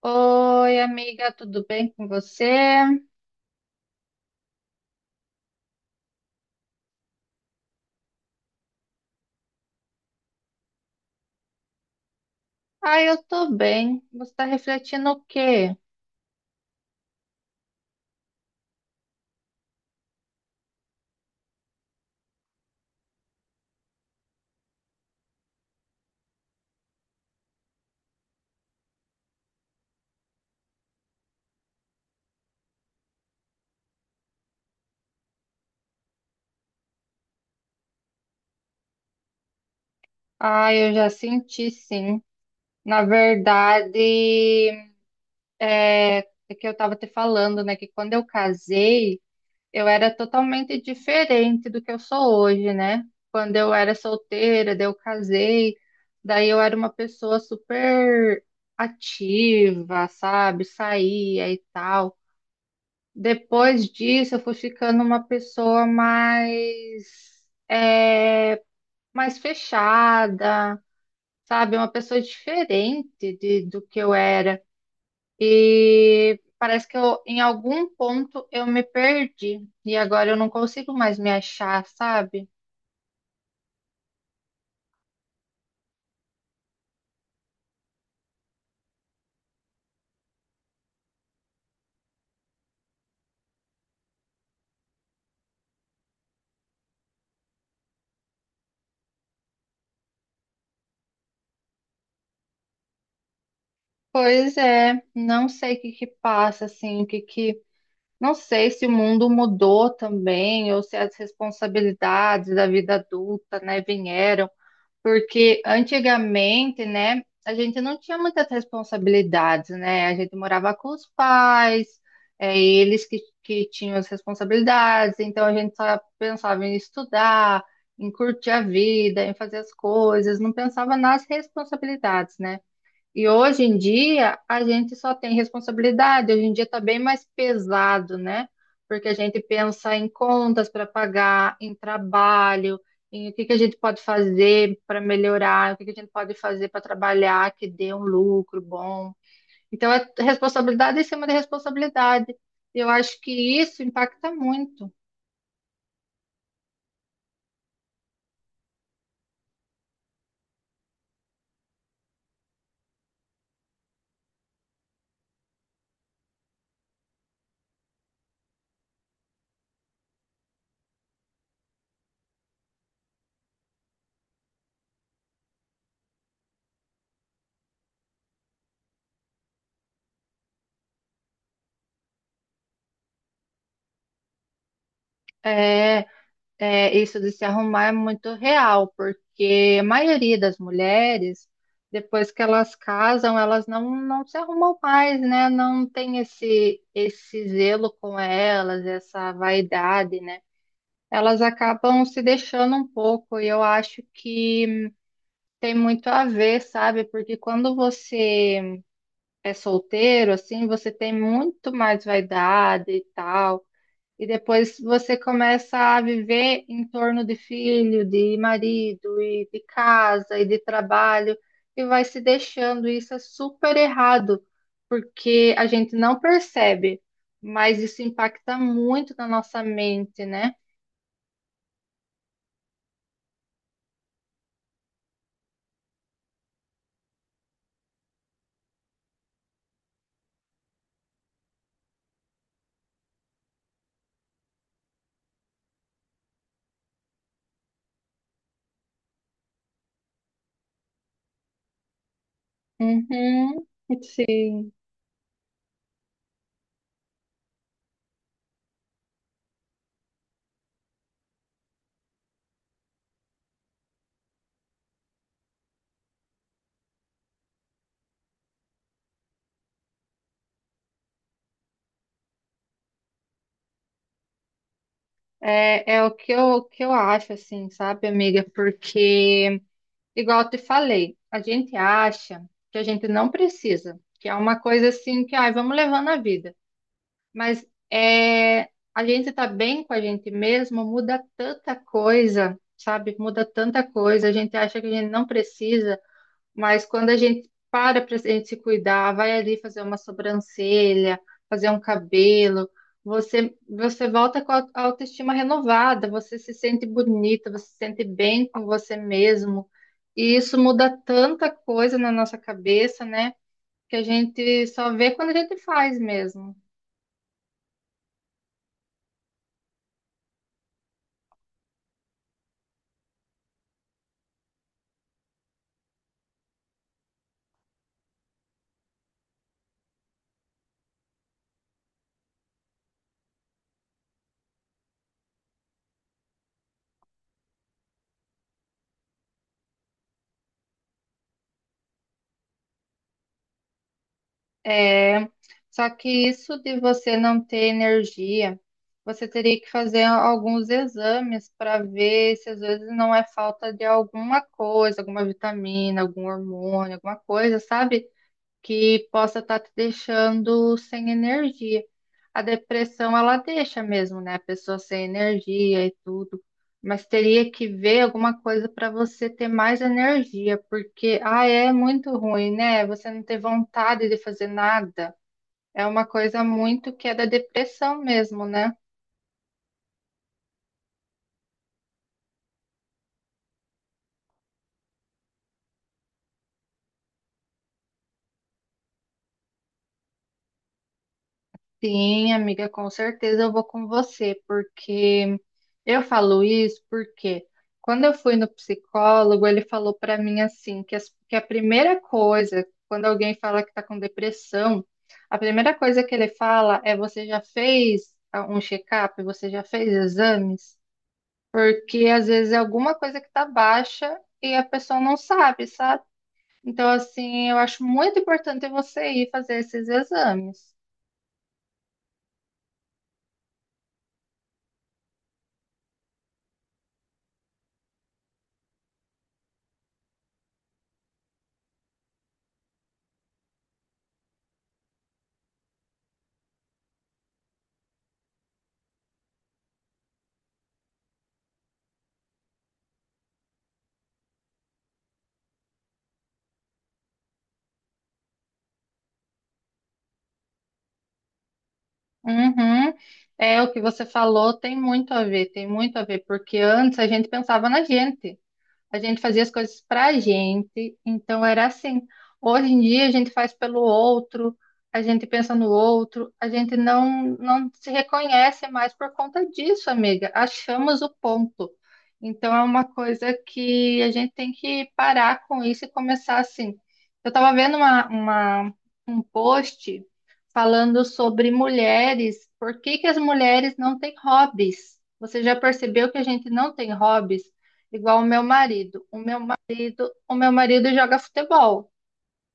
Oi, amiga, tudo bem com você? Ah, eu tô bem. Você tá refletindo o quê? Ah, eu já senti, sim. Na verdade, é, é que eu tava te falando, né, que quando eu casei, eu era totalmente diferente do que eu sou hoje, né? Quando eu era solteira, daí eu casei, daí eu era uma pessoa super ativa, sabe? Saía e tal. Depois disso, eu fui ficando uma pessoa mais, é, mais fechada, sabe? Uma pessoa diferente do que eu era. E parece que em algum ponto eu me perdi. E agora eu não consigo mais me achar, sabe? Pois é, não sei o que que passa, assim, o que que. Não sei se o mundo mudou também, ou se as responsabilidades da vida adulta, né, vieram. Porque antigamente, né, a gente não tinha muitas responsabilidades, né? A gente morava com os pais, é, eles que tinham as responsabilidades, então a gente só pensava em estudar, em curtir a vida, em fazer as coisas, não pensava nas responsabilidades, né? E hoje em dia a gente só tem responsabilidade, hoje em dia está bem mais pesado, né? Porque a gente pensa em contas para pagar, em trabalho, em o que que a gente pode fazer para melhorar, o que que a gente pode fazer para trabalhar que dê um lucro bom. Então é responsabilidade em cima de responsabilidade. Eu acho que isso impacta muito. É, isso de se arrumar é muito real, porque a maioria das mulheres, depois que elas casam, elas não, não se arrumam mais, né? Não tem esse zelo com elas, essa vaidade, né? Elas acabam se deixando um pouco, e eu acho que tem muito a ver, sabe? Porque quando você é solteiro, assim, você tem muito mais vaidade e tal. E depois você começa a viver em torno de filho, de marido, e de casa, e de trabalho, e vai se deixando. Isso é super errado, porque a gente não percebe, mas isso impacta muito na nossa mente, né? Uhum, sim. É, é o que o que eu acho, assim, sabe, amiga? Porque, igual eu te falei, a gente acha que a gente não precisa, que é uma coisa assim que, ai, vamos levando a vida. Mas é, a gente tá bem com a gente mesmo, muda tanta coisa, sabe? Muda tanta coisa. A gente acha que a gente não precisa, mas quando a gente para para a gente se cuidar, vai ali fazer uma sobrancelha, fazer um cabelo, você volta com a a autoestima renovada, você se sente bonita, você se sente bem com você mesmo. E isso muda tanta coisa na nossa cabeça, né? Que a gente só vê quando a gente faz mesmo. É, só que isso de você não ter energia, você teria que fazer alguns exames para ver se às vezes não é falta de alguma coisa, alguma vitamina, algum hormônio, alguma coisa, sabe? Que possa estar te deixando sem energia. A depressão, ela deixa mesmo, né? A pessoa sem energia e tudo. Mas teria que ver alguma coisa para você ter mais energia, porque, ah, é muito ruim, né? Você não ter vontade de fazer nada. É uma coisa muito que é da depressão mesmo, né? Sim, amiga, com certeza eu vou com você, porque eu falo isso porque quando eu fui no psicólogo, ele falou pra mim assim, que a primeira coisa, quando alguém fala que tá com depressão, a primeira coisa que ele fala é você já fez um check-up, você já fez exames? Porque às vezes é alguma coisa que tá baixa e a pessoa não sabe, sabe? Então, assim, eu acho muito importante você ir fazer esses exames. Uhum. É, o que você falou tem muito a ver, tem muito a ver, porque antes a gente pensava na gente. A gente fazia as coisas pra gente, então era assim. Hoje em dia a gente faz pelo outro, a gente pensa no outro, a gente não se reconhece mais por conta disso, amiga. Achamos o ponto. Então é uma coisa que a gente tem que parar com isso e começar assim. Eu estava vendo um post falando sobre mulheres, por que que as mulheres não têm hobbies? Você já percebeu que a gente não tem hobbies? Igual o meu marido. O meu marido joga futebol.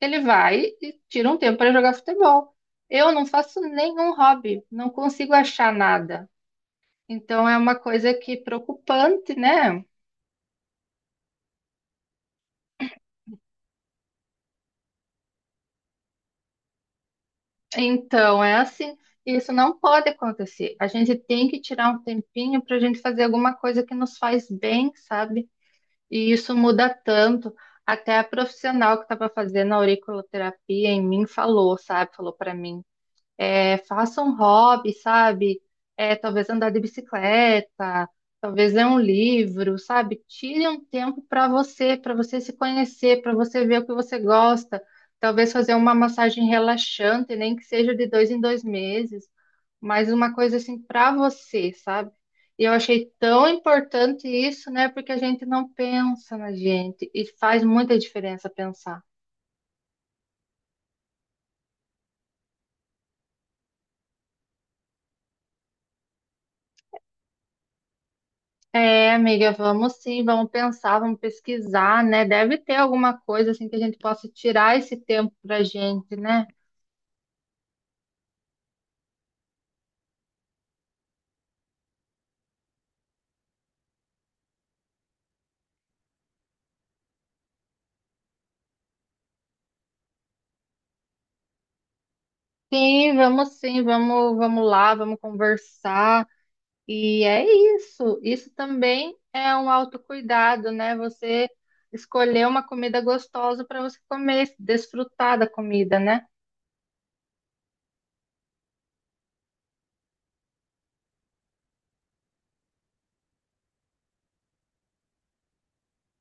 Ele vai e tira um tempo para jogar futebol. Eu não faço nenhum hobby, não consigo achar nada. Então é uma coisa que preocupante, né? Então é assim, isso não pode acontecer. A gente tem que tirar um tempinho para a gente fazer alguma coisa que nos faz bem, sabe? E isso muda tanto. Até a profissional que estava fazendo a auriculoterapia em mim falou, sabe? Falou para mim. É, faça um hobby, sabe? É, talvez andar de bicicleta, talvez ler um livro, sabe? Tire um tempo para você se conhecer, para você ver o que você gosta. Talvez fazer uma massagem relaxante, nem que seja de dois em dois meses, mas uma coisa assim para você, sabe? E eu achei tão importante isso, né? Porque a gente não pensa na gente e faz muita diferença pensar. É, amiga, vamos sim, vamos pensar, vamos pesquisar, né? Deve ter alguma coisa assim que a gente possa tirar esse tempo pra gente, né? Sim, vamos, vamos lá, vamos conversar. E é isso. Isso também é um autocuidado, né? Você escolher uma comida gostosa para você comer, desfrutar da comida, né?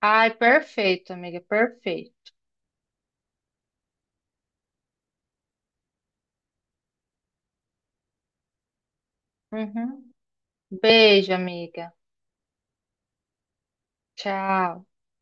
Ai, perfeito, amiga, perfeito. Uhum. Beijo, amiga. Tchau.